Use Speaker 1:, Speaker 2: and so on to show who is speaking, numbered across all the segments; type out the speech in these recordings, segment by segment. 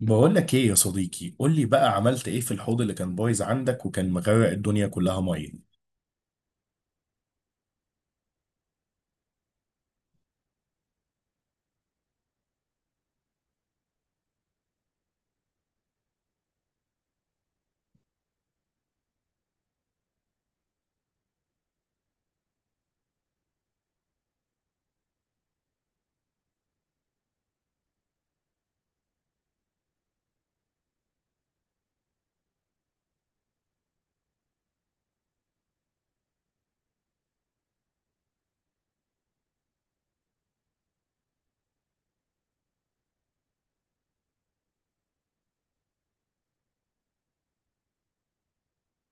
Speaker 1: بقول لك ايه يا صديقي؟ قول لي بقى، عملت ايه في الحوض اللي كان بايظ عندك وكان مغرق الدنيا كلها ميه؟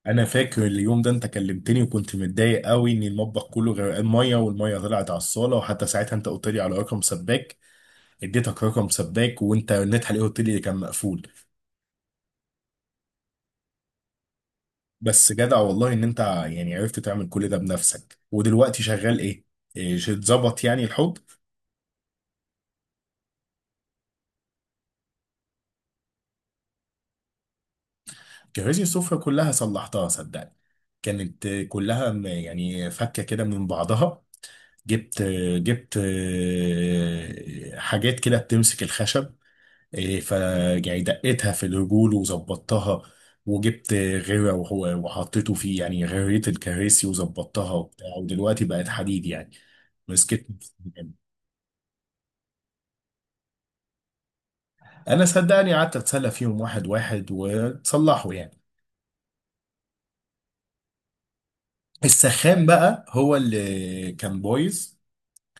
Speaker 1: انا فاكر اليوم ده، انت كلمتني وكنت متضايق قوي ان المطبخ كله غرقان ميه والميه طلعت على الصاله، وحتى ساعتها انت قلت لي على رقم سباك. اديتك رقم سباك وانت رنيت عليه، قلت لي كان مقفول. بس جدع والله ان انت يعني عرفت تعمل كل ده بنفسك. ودلوقتي شغال ايه؟ إيه، اتظبط يعني الحوض؟ جهزي السفرة كلها، صلحتها صدقني. كانت كلها يعني فكة كده من بعضها. جبت جبت حاجات كده بتمسك الخشب. فيعني دقيتها في الرجول وظبطتها. وجبت غيرة وحطيته فيه، يعني غيريت الكراسي وظبطتها وبتاع، ودلوقتي بقت حديد يعني. مسكت. انا صدقني قعدت اتسلى فيهم واحد واحد وتصلحوا يعني. السخان بقى هو اللي كان بايظ.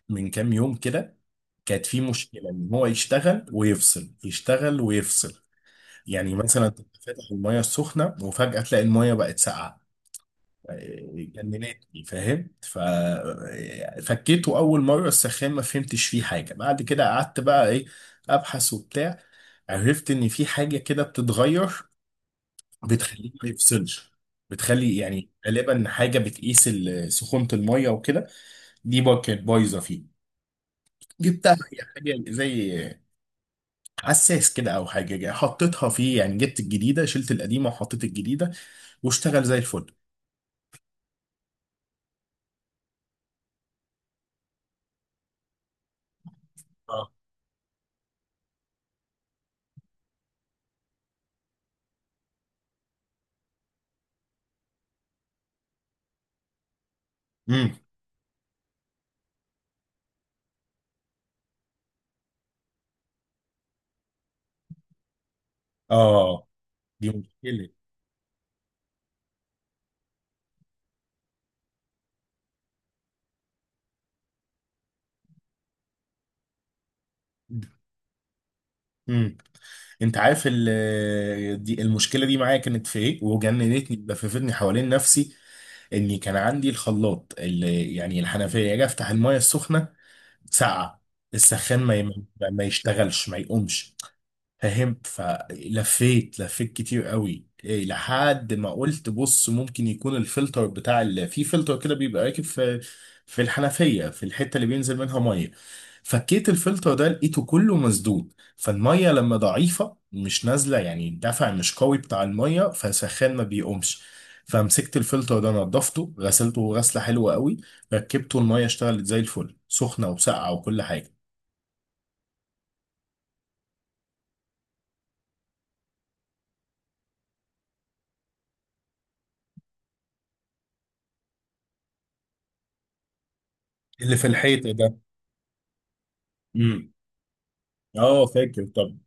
Speaker 1: من كام يوم كده، كانت فيه مشكلة ان هو يشتغل ويفصل، يشتغل ويفصل. يعني مثلا تبقى فاتح المية السخنة وفجأة تلاقي المية بقت ساقعة. جننتني، فاهم؟ ففكيته أول مرة السخان، ما فهمتش فيه حاجة. بعد كده قعدت بقى إيه، أبحث وبتاع. عرفت إن في حاجة كده بتتغير، بتخليه ما يفصلش. بتخلي يعني غالبا حاجة بتقيس سخونة المية وكده. دي بقى كانت بايظة فيه. جبتها، هي حاجة زي حساس كده أو حاجة، حطيتها فيه، يعني جبت الجديدة شلت القديمة وحطيت الجديدة. واشتغل زي الفل. اه. امم. اه، دي مشكله. امم انت عارف، دي المشكله دي معايا كانت في ايه وجننتني، لففتني حوالين نفسي. اني كان عندي الخلاط اللي يعني الحنفيه، اجي افتح المايه السخنه، ساقعه. السخان ما يشتغلش ما يقومش. فهمت؟ فلفيت لفيت كتير قوي إيه لحد ما قلت بص، ممكن يكون الفلتر بتاع في فلتر كده بيبقى راكب في، في الحنفيه، في الحته اللي بينزل منها ميه. فكيت الفلتر ده لقيته كله مسدود، فالميه لما ضعيفه مش نازله، يعني الدفع مش قوي بتاع الميه، فسخان ما بيقومش. فمسكت الفلتر ده نضفته، غسلته غسله حلوه قوي. ركبته، الميه اشتغلت زي الفل، سخنه وساقعه وكل حاجه. اللي في الحيط ده؟ امم. اه فاكر، طب.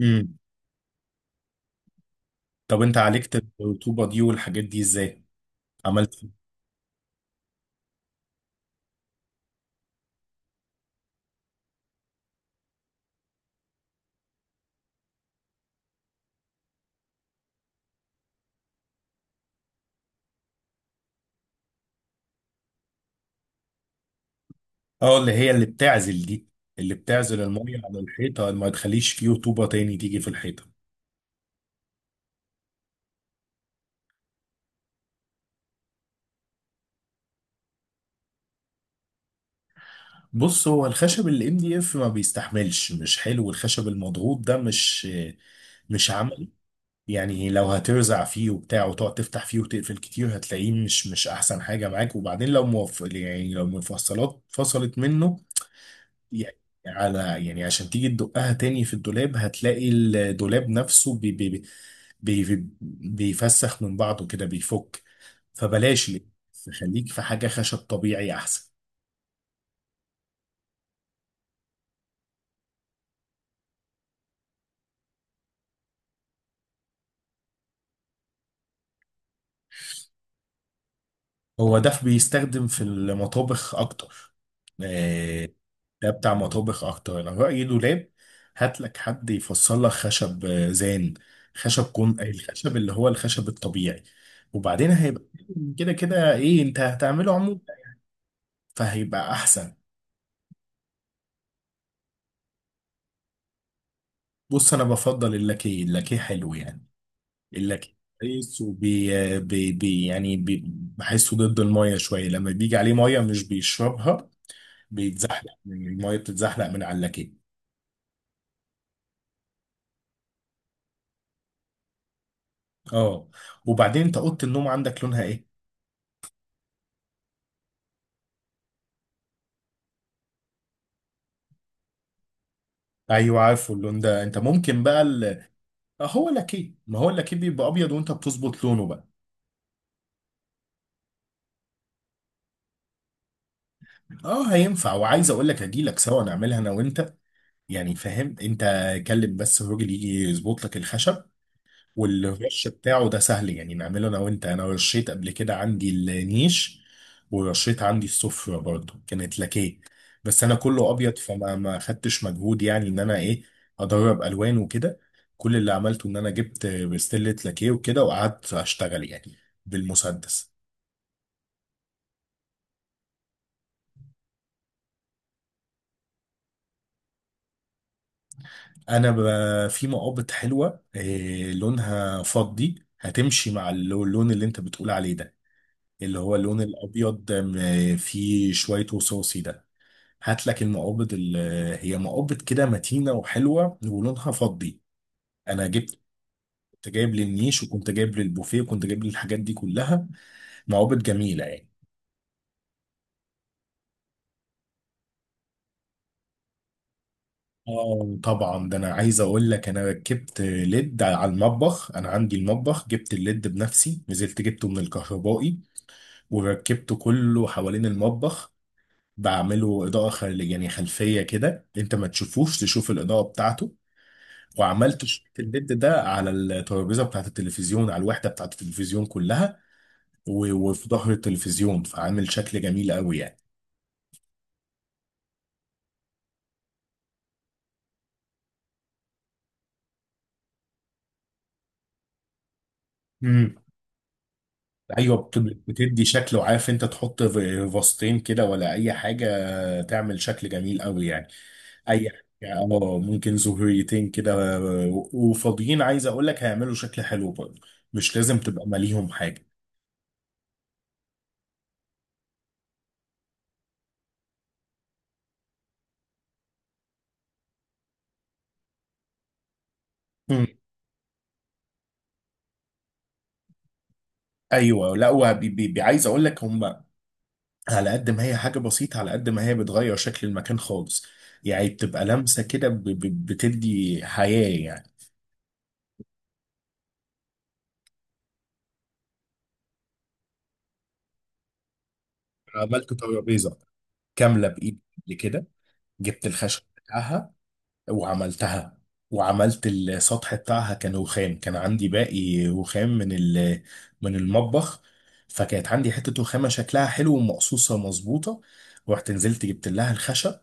Speaker 1: امم. طب انت عالجت الرطوبه دي والحاجات دي ازاي؟ عملت إيه؟ اه، اللي هي اللي بتعزل دي. اللي بتعزل الميه على الحيطه، ما تخليش فيه رطوبه تاني تيجي في الحيطه. بص، هو الخشب الام دي اف ما بيستحملش، مش حلو الخشب المضغوط ده، مش عملي. يعني لو هترزع فيه وبتاع وتقعد تفتح فيه وتقفل كتير، هتلاقيه مش احسن حاجه معاك. وبعدين لو يعني لو المفصلات فصلت منه، يعني، على يعني، عشان تيجي تدقها تاني في الدولاب، هتلاقي الدولاب نفسه بي بي بي بيفسخ من بعضه كده، بيفك. فبلاش، ليه. خليك في حاجة خشب طبيعي أحسن. هو ده بيستخدم في المطابخ أكتر. آه، ده بتاع مطابخ أكتر. أنا رأيي دولاب، هات لك حد يفصل لك خشب زان، خشب، كون الخشب اللي هو الخشب الطبيعي. وبعدين هيبقى كده كده، إيه أنت هتعمله عمود، فهيبقى أحسن. بص، انا بفضل اللاكيه. اللاكيه حلو يعني. اللاكيه كويس، وبي بي بي يعني بحسه ضد الميه شويه، لما بيجي عليه ميه مش بيشربها. الميه بتتزحلق من على اللاكيه. اه، وبعدين انت اوضه النوم عندك لونها ايه؟ ايوه، عارفه اللون ده. انت ممكن بقى آه، هو لاكيه، ما هو اللاكيه بيبقى ابيض وانت بتظبط لونه بقى. اه هينفع، وعايز اقول لك اجي لك سوا نعملها انا وانت. يعني فاهم انت؟ كلم بس الراجل يجي يظبط لك الخشب، والرش بتاعه ده سهل، يعني نعمله انا وانت. انا رشيت قبل كده عندي النيش، ورشيت عندي الصفر برضه، كانت لكيه. بس انا كله ابيض، فما ما خدتش مجهود، يعني ان انا ايه، ادرب الوان وكده. كل اللي عملته ان انا جبت بستلة لكيه وكده وقعدت اشتغل يعني، بالمسدس. انا في مقابض حلوه إيه لونها فضي، هتمشي مع اللون اللي انت بتقول عليه ده، اللي هو اللون الابيض فيه شويه رصاصي ده. هات لك المقابض هي مقابض كده متينه وحلوه ولونها فضي. انا كنت جايب للنيش، وكنت جايب للبوفيه، وكنت جايب للحاجات دي كلها. مقابض جميله يعني. اه طبعا، ده انا عايز اقول لك انا ركبت ليد على المطبخ. انا عندي المطبخ جبت الليد بنفسي، نزلت جبته من الكهربائي، وركبته كله حوالين المطبخ. بعمله اضاءه يعني خلفيه كده، انت ما تشوفوش، تشوف الاضاءه بتاعته. وعملت شريط الليد ده على الترابيزه بتاعت التلفزيون، على الوحده بتاعت التلفزيون كلها، و- وفي ظهر التلفزيون، فعامل شكل جميل قوي يعني. امم، ايوه، بتدي شكل. وعارف انت تحط فاستين كده ولا اي حاجه، تعمل شكل جميل قوي يعني. اي حاجه، اه ممكن زهريتين كده، و- وفاضيين، عايز اقول لك هيعملوا شكل حلو برضه. مش لازم تبقى ماليهم حاجه. امم، ايوه، لا وعايز اقول لك، هم على قد ما هي حاجة بسيطة على قد ما هي بتغير شكل المكان خالص. يعني بتبقى لمسة كده، بتدي حياة يعني. عملت ترابيزة كاملة بإيدي قبل كده. جبت الخشب بتاعها وعملتها، وعملت السطح بتاعها كان رخام، كان عندي باقي رخام من من المطبخ. فكانت عندي حتة رخامة شكلها حلو ومقصوصة مظبوطة. رحت نزلت جبت لها الخشب،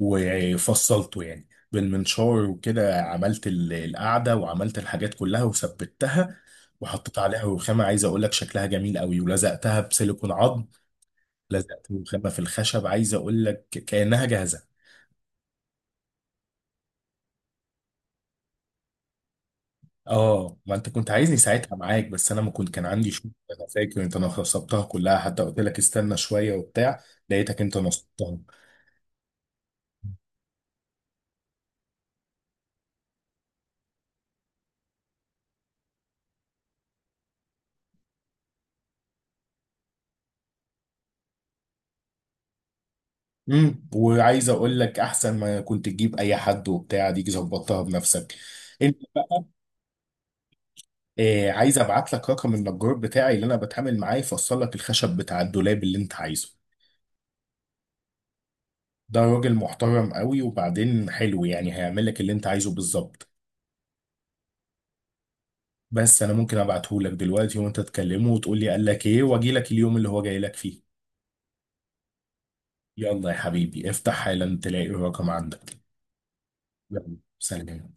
Speaker 1: وفصلته يعني بالمنشار وكده، عملت القعدة وعملت الحاجات كلها وثبتها. وحطيت عليها رخامة، عايز اقول لك شكلها جميل قوي، ولزقتها بسيليكون عظم. لزقت رخامة في الخشب، عايز اقول لك كأنها جاهزة. اه، ما انت كنت عايزني ساعتها معاك بس انا ما كنت كان عندي شغل. انا فاكر انت نصبتها كلها، حتى قلت لك استنى شوية وبتاع، لقيتك انت نصبتها. وعايز اقول لك احسن ما كنت تجيب اي حد وبتاع، ديك ظبطتها بنفسك انت. إيه، عايز ابعت لك رقم النجار بتاعي اللي انا بتعامل معاه، يفصل لك الخشب بتاع الدولاب اللي انت عايزه؟ ده راجل محترم قوي، وبعدين حلو يعني، هيعمل لك اللي انت عايزه بالظبط. بس انا ممكن ابعته لك دلوقتي، وانت تكلمه وتقول لي قال لك ايه، واجي لك اليوم اللي هو جاي لك فيه. يلا يا حبيبي، افتح حالا، تلاقي الرقم عندك. يلا، سلام.